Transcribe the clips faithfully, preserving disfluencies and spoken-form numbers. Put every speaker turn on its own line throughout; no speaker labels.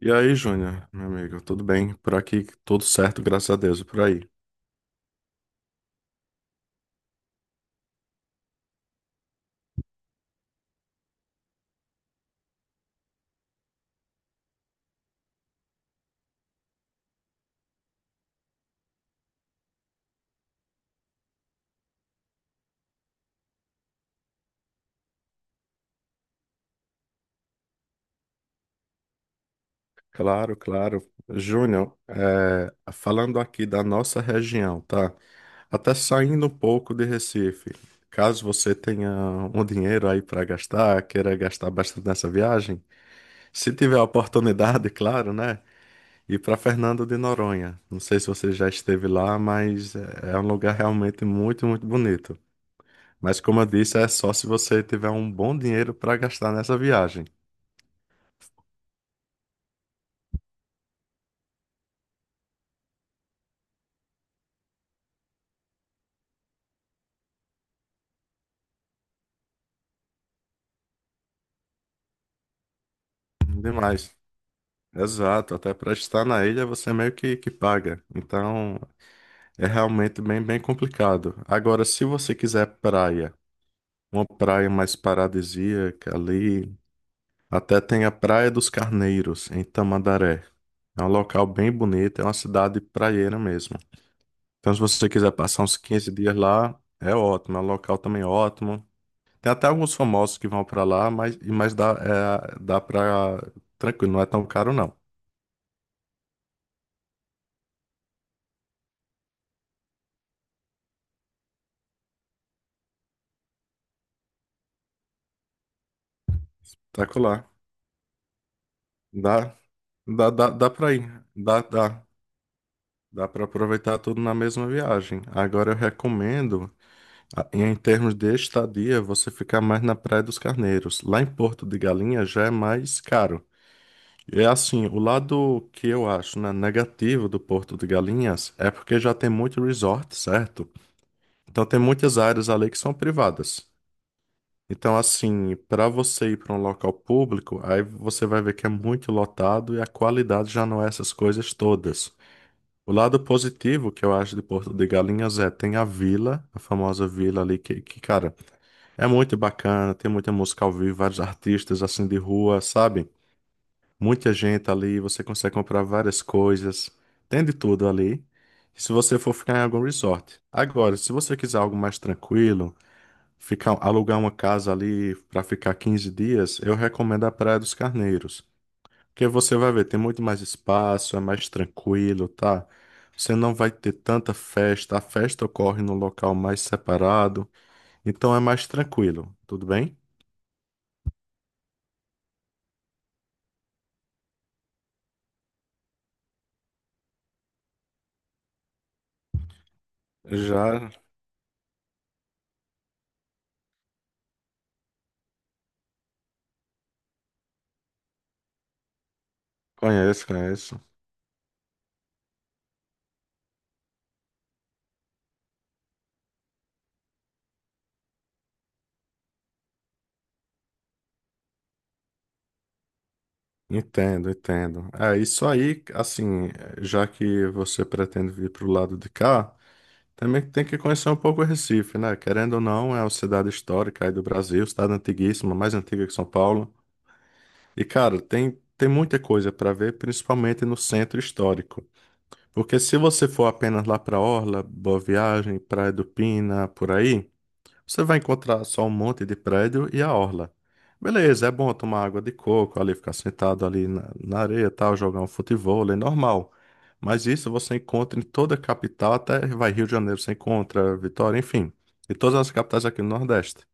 E aí, Júnior, meu amigo, tudo bem? Por aqui, tudo certo, graças a Deus, e por aí. Claro, claro. Júnior, é, falando aqui da nossa região, tá? Até saindo um pouco de Recife. Caso você tenha um dinheiro aí para gastar, queira gastar bastante nessa viagem, se tiver a oportunidade, claro, né? Ir para Fernando de Noronha. Não sei se você já esteve lá, mas é é um lugar realmente muito, muito bonito. Mas como eu disse, é só se você tiver um bom dinheiro para gastar nessa viagem. Demais. Exato, até para estar na ilha você meio que, que paga. Então é realmente bem, bem complicado. Agora, se você quiser praia, uma praia mais paradisíaca ali, até tem a Praia dos Carneiros, em Tamandaré. É um local bem bonito, é uma cidade praieira mesmo. Então, se você quiser passar uns quinze dias lá, é ótimo, é um local também ótimo. Tem até alguns famosos que vão pra lá, mas, e- mas dá, é, dá pra. Tranquilo, não é tão caro não. Tranquilo lá. Dá, dá, dá, dá pra ir. Dá, dá. Dá pra aproveitar tudo na mesma viagem. Agora eu recomendo, a- em termos de estadia, você ficar mais na Praia dos Carneiros. Lá em Porto de Galinhas já é mais caro. É assim, o lado que eu acho, né, negativo do Porto de Galinhas é porque já tem muito resort, certo? Então tem muitas áreas ali que são privadas. Então, assim, para você ir para um local público, aí você vai ver que é muito lotado e a qualidade já não é essas coisas todas. O lado positivo que eu acho de Porto de Galinhas é tem a vila, a famosa vila ali que, que, cara, é muito bacana, tem muita música ao vivo, vários artistas assim de rua, sabe? Muita gente ali, você consegue comprar várias coisas, tem de tudo ali. Se você for ficar em algum resort. Agora, se você quiser algo mais tranquilo, ficar, alugar uma casa ali para ficar quinze dias, eu recomendo a Praia dos Carneiros. Porque você vai ver, tem muito mais espaço, é mais tranquilo, tá? Você não vai ter tanta festa, a festa ocorre num local mais separado, então é mais tranquilo, tudo bem? Já conheço, conheço. Entendo, entendo. É isso aí, assim, já que você pretende vir pro lado de cá. Também tem que conhecer um pouco o Recife, né? Querendo ou não, é uma cidade histórica aí do Brasil, cidade antiguíssima, mais antiga que São Paulo. E, cara, tem, tem muita coisa para ver, principalmente no centro histórico. Porque se você for apenas lá para Orla, Boa Viagem, Praia do Pina, por aí, você vai encontrar só um monte de prédio e a orla. Beleza, é bom tomar água de coco ali, ficar sentado ali na, na areia e tal, jogar um futebol, é normal. Mas isso você encontra em toda a capital, até vai Rio de Janeiro, você encontra Vitória, enfim, em todas as capitais aqui no Nordeste.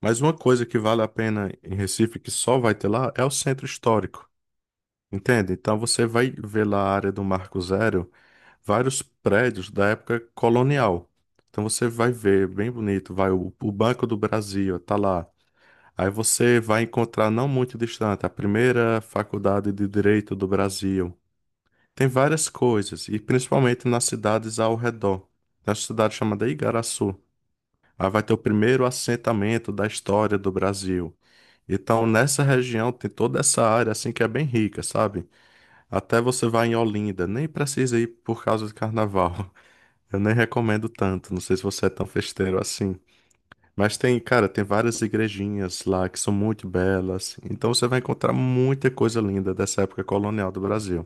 Mas uma coisa que vale a pena em Recife, que só vai ter lá, é o centro histórico, entende? Então você vai ver lá a área do Marco Zero, vários prédios da época colonial. Então você vai ver, bem bonito, vai o, o Banco do Brasil, tá lá. Aí você vai encontrar não muito distante a primeira faculdade de Direito do Brasil. Tem várias coisas, e principalmente nas cidades ao redor. Na cidade chamada Igaraçu. Aí vai ter o primeiro assentamento da história do Brasil. Então, nessa região tem toda essa área assim que é bem rica, sabe? Até você vai em Olinda, nem precisa ir por causa de carnaval. Eu nem recomendo tanto, não sei se você é tão festeiro assim. Mas tem, cara, tem várias igrejinhas lá que são muito belas. Então você vai encontrar muita coisa linda dessa época colonial do Brasil.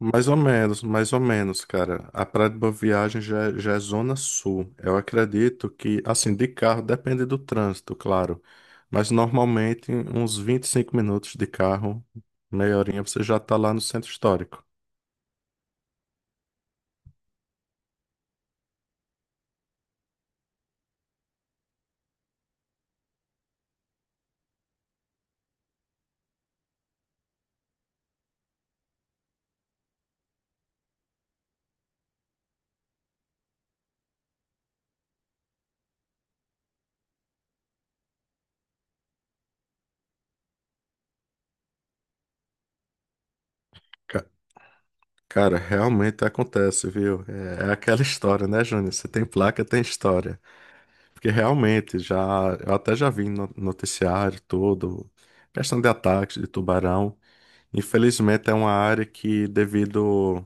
Mais ou menos, mais ou menos, cara. A Praia de Boa Viagem já, é- já é zona sul. Eu acredito que, assim, de carro depende do trânsito, claro. Mas normalmente uns vinte e cinco minutos de carro, meia horinha, você já tá lá no centro histórico. Cara, realmente acontece, viu? É, é aquela história, né, Júnior? Você tem placa, tem história. Porque realmente, já, eu até já vi no noticiário todo, questão de ataques de tubarão. Infelizmente, é uma área que, devido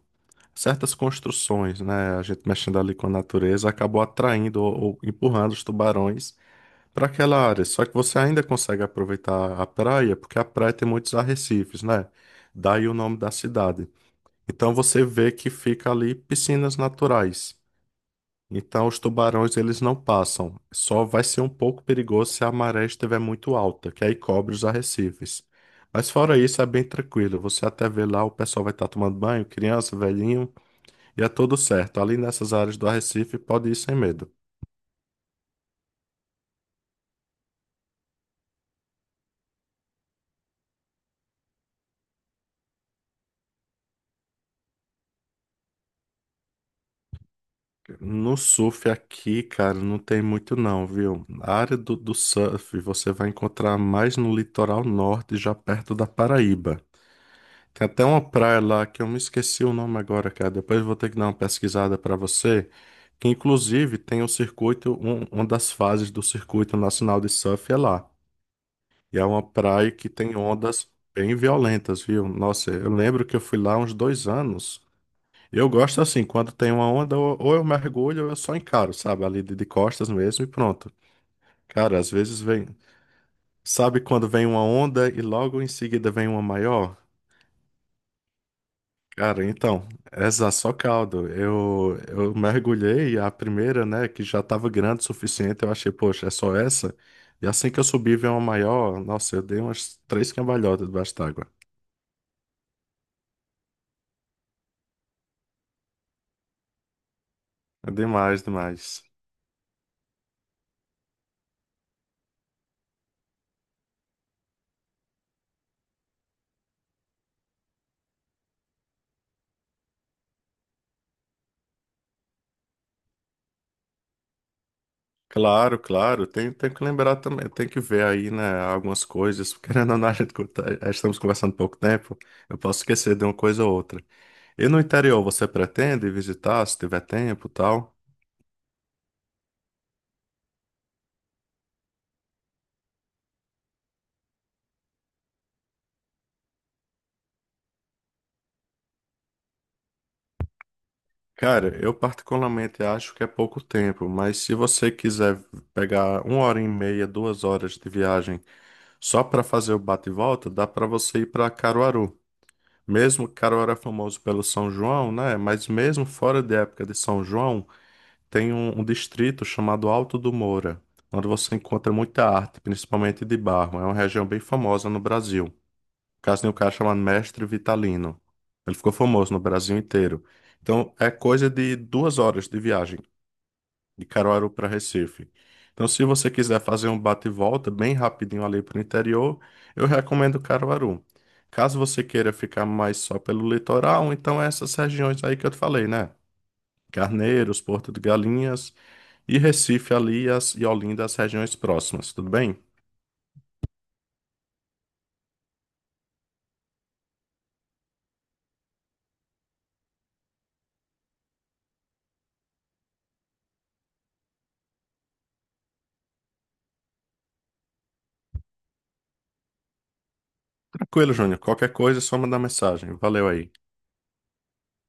a certas construções, né, a gente mexendo ali com a natureza, acabou atraindo ou, ou empurrando os tubarões para aquela área. Só que você ainda consegue aproveitar a praia, porque a praia tem muitos arrecifes, né? Daí o nome da cidade. Então você vê que fica ali piscinas naturais. Então os tubarões eles não passam. Só vai ser um pouco perigoso se a maré estiver muito alta, que aí cobre os arrecifes. Mas fora isso é bem tranquilo. Você até vê lá o pessoal vai estar tomando banho, criança, velhinho, e é tudo certo. Ali nessas áreas do arrecife pode ir sem medo. No surf aqui, cara, não tem muito não, viu? A área do, do surf você vai encontrar mais no litoral norte, já perto da Paraíba. Tem até uma praia lá que eu me esqueci o nome agora, cara. Depois eu vou ter que dar uma pesquisada pra você. Que inclusive tem o circuito, um- uma das fases do Circuito Nacional de Surf é lá. E é uma praia que tem ondas bem violentas, viu? Nossa, eu lembro que eu fui lá há uns dois anos. Eu gosto assim, quando tem uma onda, ou ou eu mergulho ou eu só encaro, sabe? Ali de de costas mesmo e pronto. Cara, às vezes vem. Sabe quando vem uma onda e logo em seguida vem uma maior? Cara, então, essa só caldo. Eu, eu mergulhei a primeira, né, que já tava grande o suficiente. Eu achei, poxa, é só essa? E assim que eu subi, veio uma maior. Nossa, eu dei umas três cambalhotas debaixo d'água. É demais, demais. Claro, claro. Tem, tem que lembrar também. Tem que ver aí, né, algumas coisas. Porque querendo ou não, a gente, co- tá- estamos conversando pouco tempo. Eu posso esquecer de uma coisa ou outra. E no interior, você pretende visitar, se tiver tempo e tal? Cara, eu particularmente acho que é pouco tempo, mas se você quiser pegar uma hora e meia, duas horas de viagem só para fazer o bate e volta, dá para você ir para Caruaru. Mesmo Caruaru é famoso pelo São João, né? Mas mesmo fora da época de São João, tem um, um distrito chamado Alto do Moura, onde você encontra muita arte, principalmente de barro. É uma região bem famosa no Brasil caso tem um cara chamado Mestre Vitalino. Ele ficou famoso no Brasil inteiro. Então, é coisa de duas horas de viagem de Caruaru para Recife. Então, se você quiser fazer um bate e volta bem rapidinho ali para o interior, eu recomendo Caruaru. Caso você queira ficar mais só pelo litoral, então é essas regiões aí que eu te falei, né? Carneiros, Porto de Galinhas e Recife ali as, e Olinda, as regiões próximas, tudo bem? Tranquilo, Júnior. Qualquer coisa, é só mandar mensagem. Valeu aí.